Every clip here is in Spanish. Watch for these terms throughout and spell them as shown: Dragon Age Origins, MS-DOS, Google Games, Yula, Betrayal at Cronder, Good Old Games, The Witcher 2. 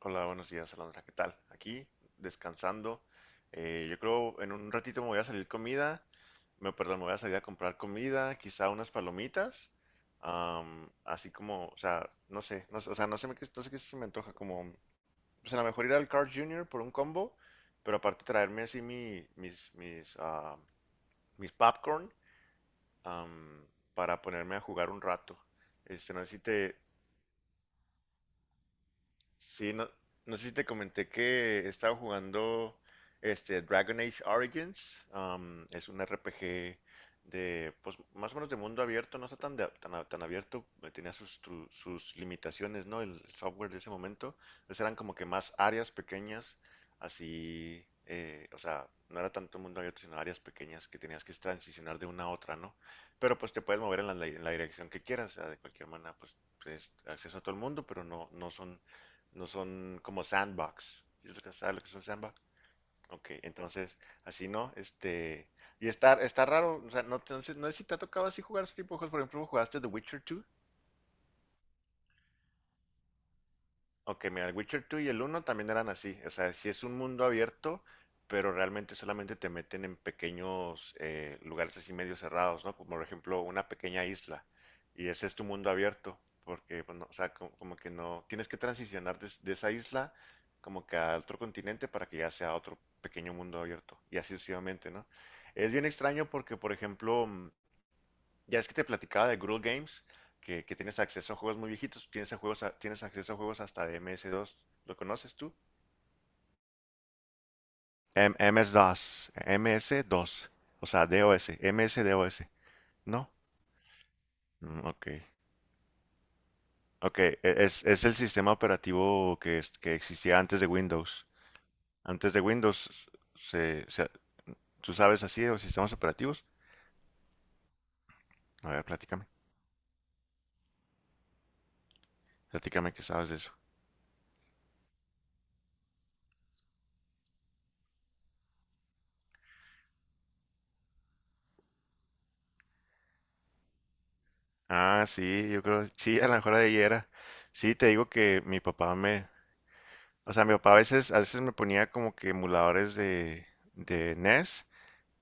Hola, buenos días, Alondra. ¿Qué tal? Aquí, descansando. Yo creo en un ratito me voy a salir comida. Me, perdón, me voy a salir a comprar comida, quizá unas palomitas. Así como, o sea, no sé qué se me antoja. Como, pues a lo mejor ir al Carl Junior por un combo, pero aparte traerme así mi, mis, mis, ah, mis popcorn am, para ponerme a jugar un rato. Este, no sé si te, Sí, no, no sé si te comenté que he estado jugando este Dragon Age Origins. Es un RPG de, pues, más o menos de mundo abierto, no está tan, de- tan, a- tan abierto, tenía sus limitaciones, ¿no? El software de ese momento. Entonces eran como que más áreas pequeñas, así, o sea, no era tanto mundo abierto, sino áreas pequeñas que tenías que transicionar de una a otra, ¿no? Pero pues te puedes mover en la dirección que quieras, o sea, de cualquier manera, pues acceso a todo el mundo, pero no son como sandbox. ¿Sí ¿Sabes lo que son sandbox? Ok, entonces, así no. Y está raro, o sea, no, entonces, no sé si te ha tocado así jugar ese tipo de juegos. Por ejemplo, ¿jugaste The Witcher 2? Ok, mira, el Witcher 2 y el uno también eran así. O sea, sí es un mundo abierto, pero realmente solamente te meten en pequeños lugares así medio cerrados, ¿no? Como por ejemplo una pequeña isla. Y ese es tu mundo abierto, porque, bueno, o sea, que no, tienes que transicionar de esa isla como que a otro continente para que ya sea otro pequeño mundo abierto. Y así sucesivamente, ¿no? Es bien extraño porque, por ejemplo, ya es que te platicaba de Google Games, que tienes acceso a juegos muy viejitos, tienes acceso a juegos hasta de MS2. ¿Lo conoces tú? MS2, o sea, DOS, MS-DOS, ¿no? Mm, ok, ok, es el sistema operativo que existía antes de Windows. Antes de Windows, se, se- ¿tú sabes así de los sistemas operativos? A ver, platícame que sabes de eso. Ah, sí, yo creo, sí, a lo mejor ahí era. Sí, te digo que o sea, mi papá a veces me ponía como que emuladores de NES,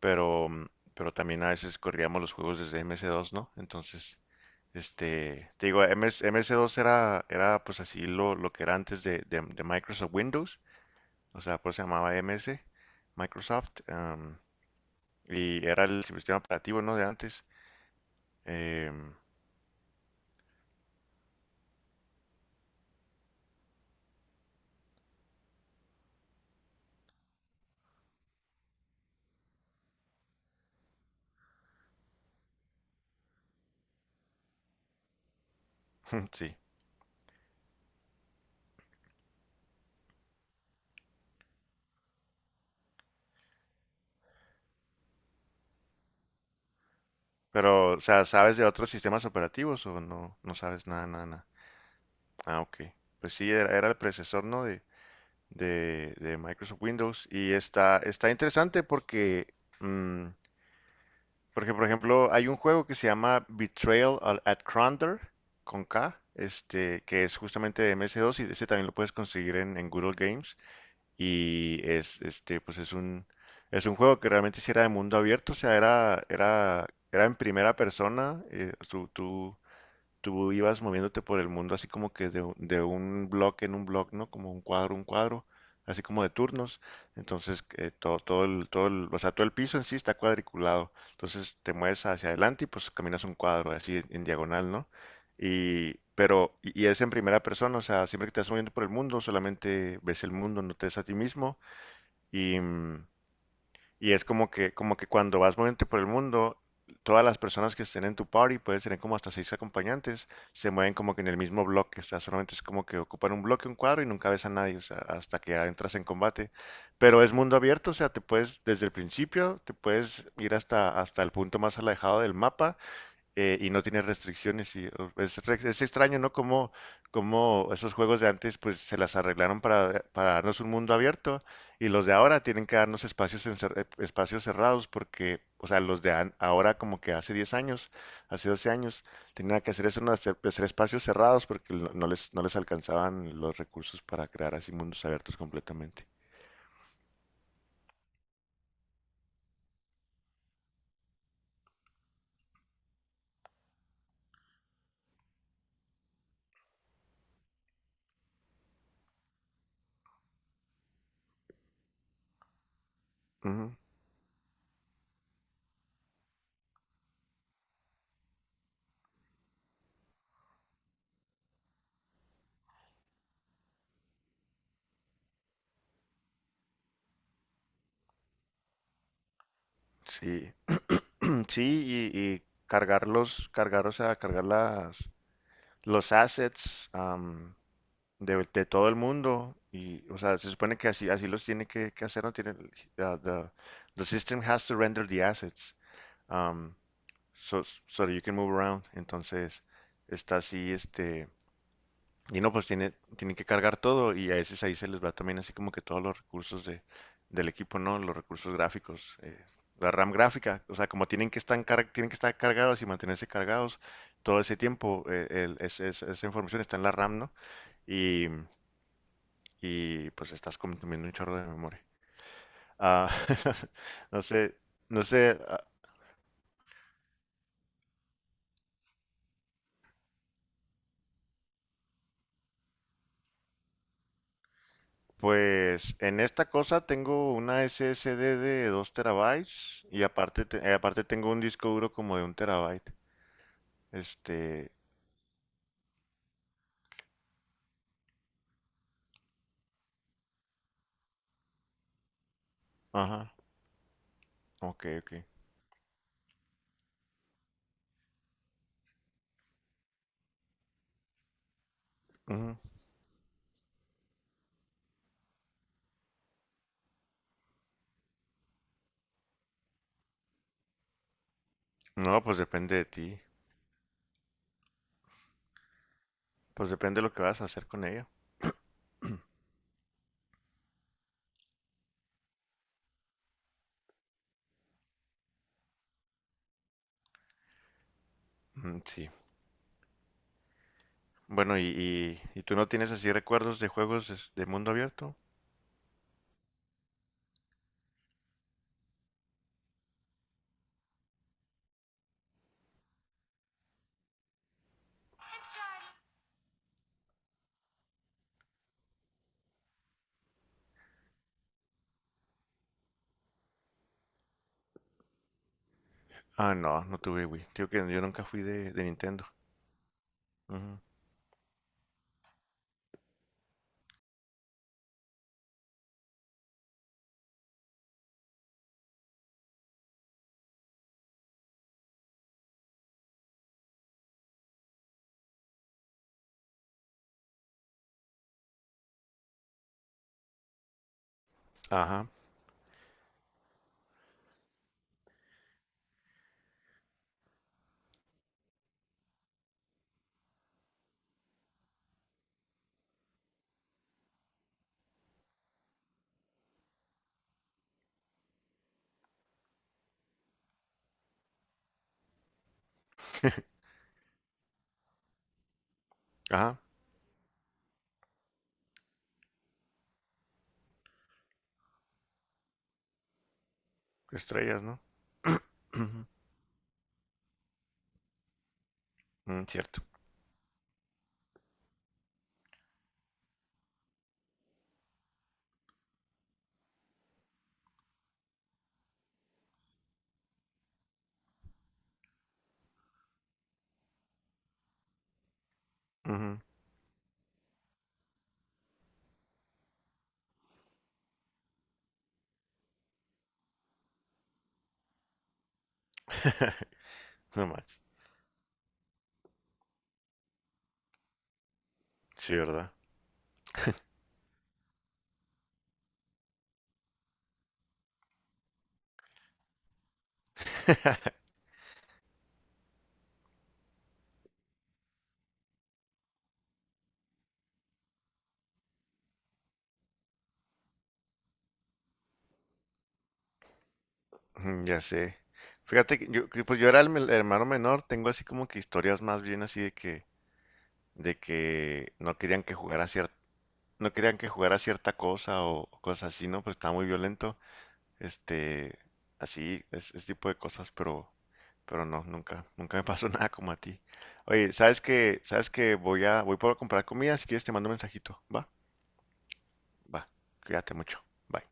pero, mm, pero también a veces corríamos los juegos desde MS2, ¿no? Entonces, este, te digo, MS2 era pues así lo que era antes de Microsoft Windows, o sea, pues se llamaba MS, Microsoft, y era el sistema operativo, ¿no? De antes. Em, sí. Pero, o sea, ¿sabes de otros sistemas operativos o no sabes nada, nada, nada? Ah, ok. Pues sí, era el predecesor, ¿no? De Microsoft Windows y está interesante mm, porque, por ejemplo, hay un juego que se llama Betrayal at Cronder con K, este, que es justamente de MS2 y ese también lo puedes conseguir en Good Old Games. Y es, este, pues es un juego que realmente sí era de mundo abierto, o sea, era en primera persona, tú ibas moviéndote por el mundo así como que de un bloque en un bloque, ¿no? Como un cuadro, así como de turnos. Entonces, o sea, todo el piso en sí está cuadriculado. Entonces, te mueves hacia adelante y pues caminas un cuadro así en diagonal, ¿no? Pero es en primera persona, o sea, siempre que te estás moviendo por el mundo, solamente ves el mundo, no te ves a ti mismo. Y, mm, y es como que cuando vas moviéndote por el mundo, todas las personas que estén en tu party pueden tener como hasta seis acompañantes, se mueven como que en el mismo bloque, o sea, solamente es como que ocupan un bloque, un cuadro y nunca ves a nadie, o sea, hasta que ya entras en combate. Pero es mundo abierto, o sea, te puedes, desde el principio, te puedes ir hasta el punto más alejado del mapa, y no tiene restricciones y es extraño, ¿no? Como esos juegos de antes pues se las arreglaron para darnos un mundo abierto y los de ahora tienen que darnos espacios, espacios cerrados porque, o sea, ahora como que hace 10 años, hace 12 años, tenían que hacer eso, ¿no? Hacer espacios cerrados porque no les alcanzaban los recursos para crear así mundos abiertos completamente. Ujú. Sí. Sí, y cargarlos, cargar, o sea, cargar los assets, de todo el mundo y, o sea, se supone que así, así los tiene que hacer, no tiene, the system has to render the assets, um, so, so that you can move around. Entonces, está así, este, y no, pues tiene, tienen que cargar todo y a veces ahí se les va también así como que todos los recursos del equipo, ¿no? Los recursos gráficos, la RAM gráfica, o sea, como tienen que estar cargados y mantenerse cargados todo ese tiempo, esa información está en la RAM, ¿no? Y, pues estás consumiendo un chorro de memoria. Ah, no sé, no sé, pues en esta cosa tengo una SSD de 2 terabytes y aparte, aparte tengo un disco duro como de 1 terabyte. Este, ajá, ok, ok. Ujú. No, pues depende de ti, pues depende de lo que vas a hacer con ella. Mm, sí. Bueno, ¿y tú no tienes así recuerdos de juegos de mundo abierto? Ah, no, no tuve Wii. Digo que yo nunca fui de Nintendo. Ujú. Ajá, ajá, estrellas, ¿no? Ujú. Mm, cierto. Ujú. No más. Sí, ¿verdad? Mm, ya sé. Fíjate que pues yo era el hermano menor, tengo así como que historias más bien así de que no querían que jugara cierta, no querían que jugara cierta cosa o cosas así, ¿no? Pues estaba muy violento, este, así, ese tipo de cosas, pero no, nunca me pasó nada como a ti. Oye, ¿Sabes que voy por comprar comida, si quieres te mando un mensajito, ¿va? Va, cuídate mucho, bye.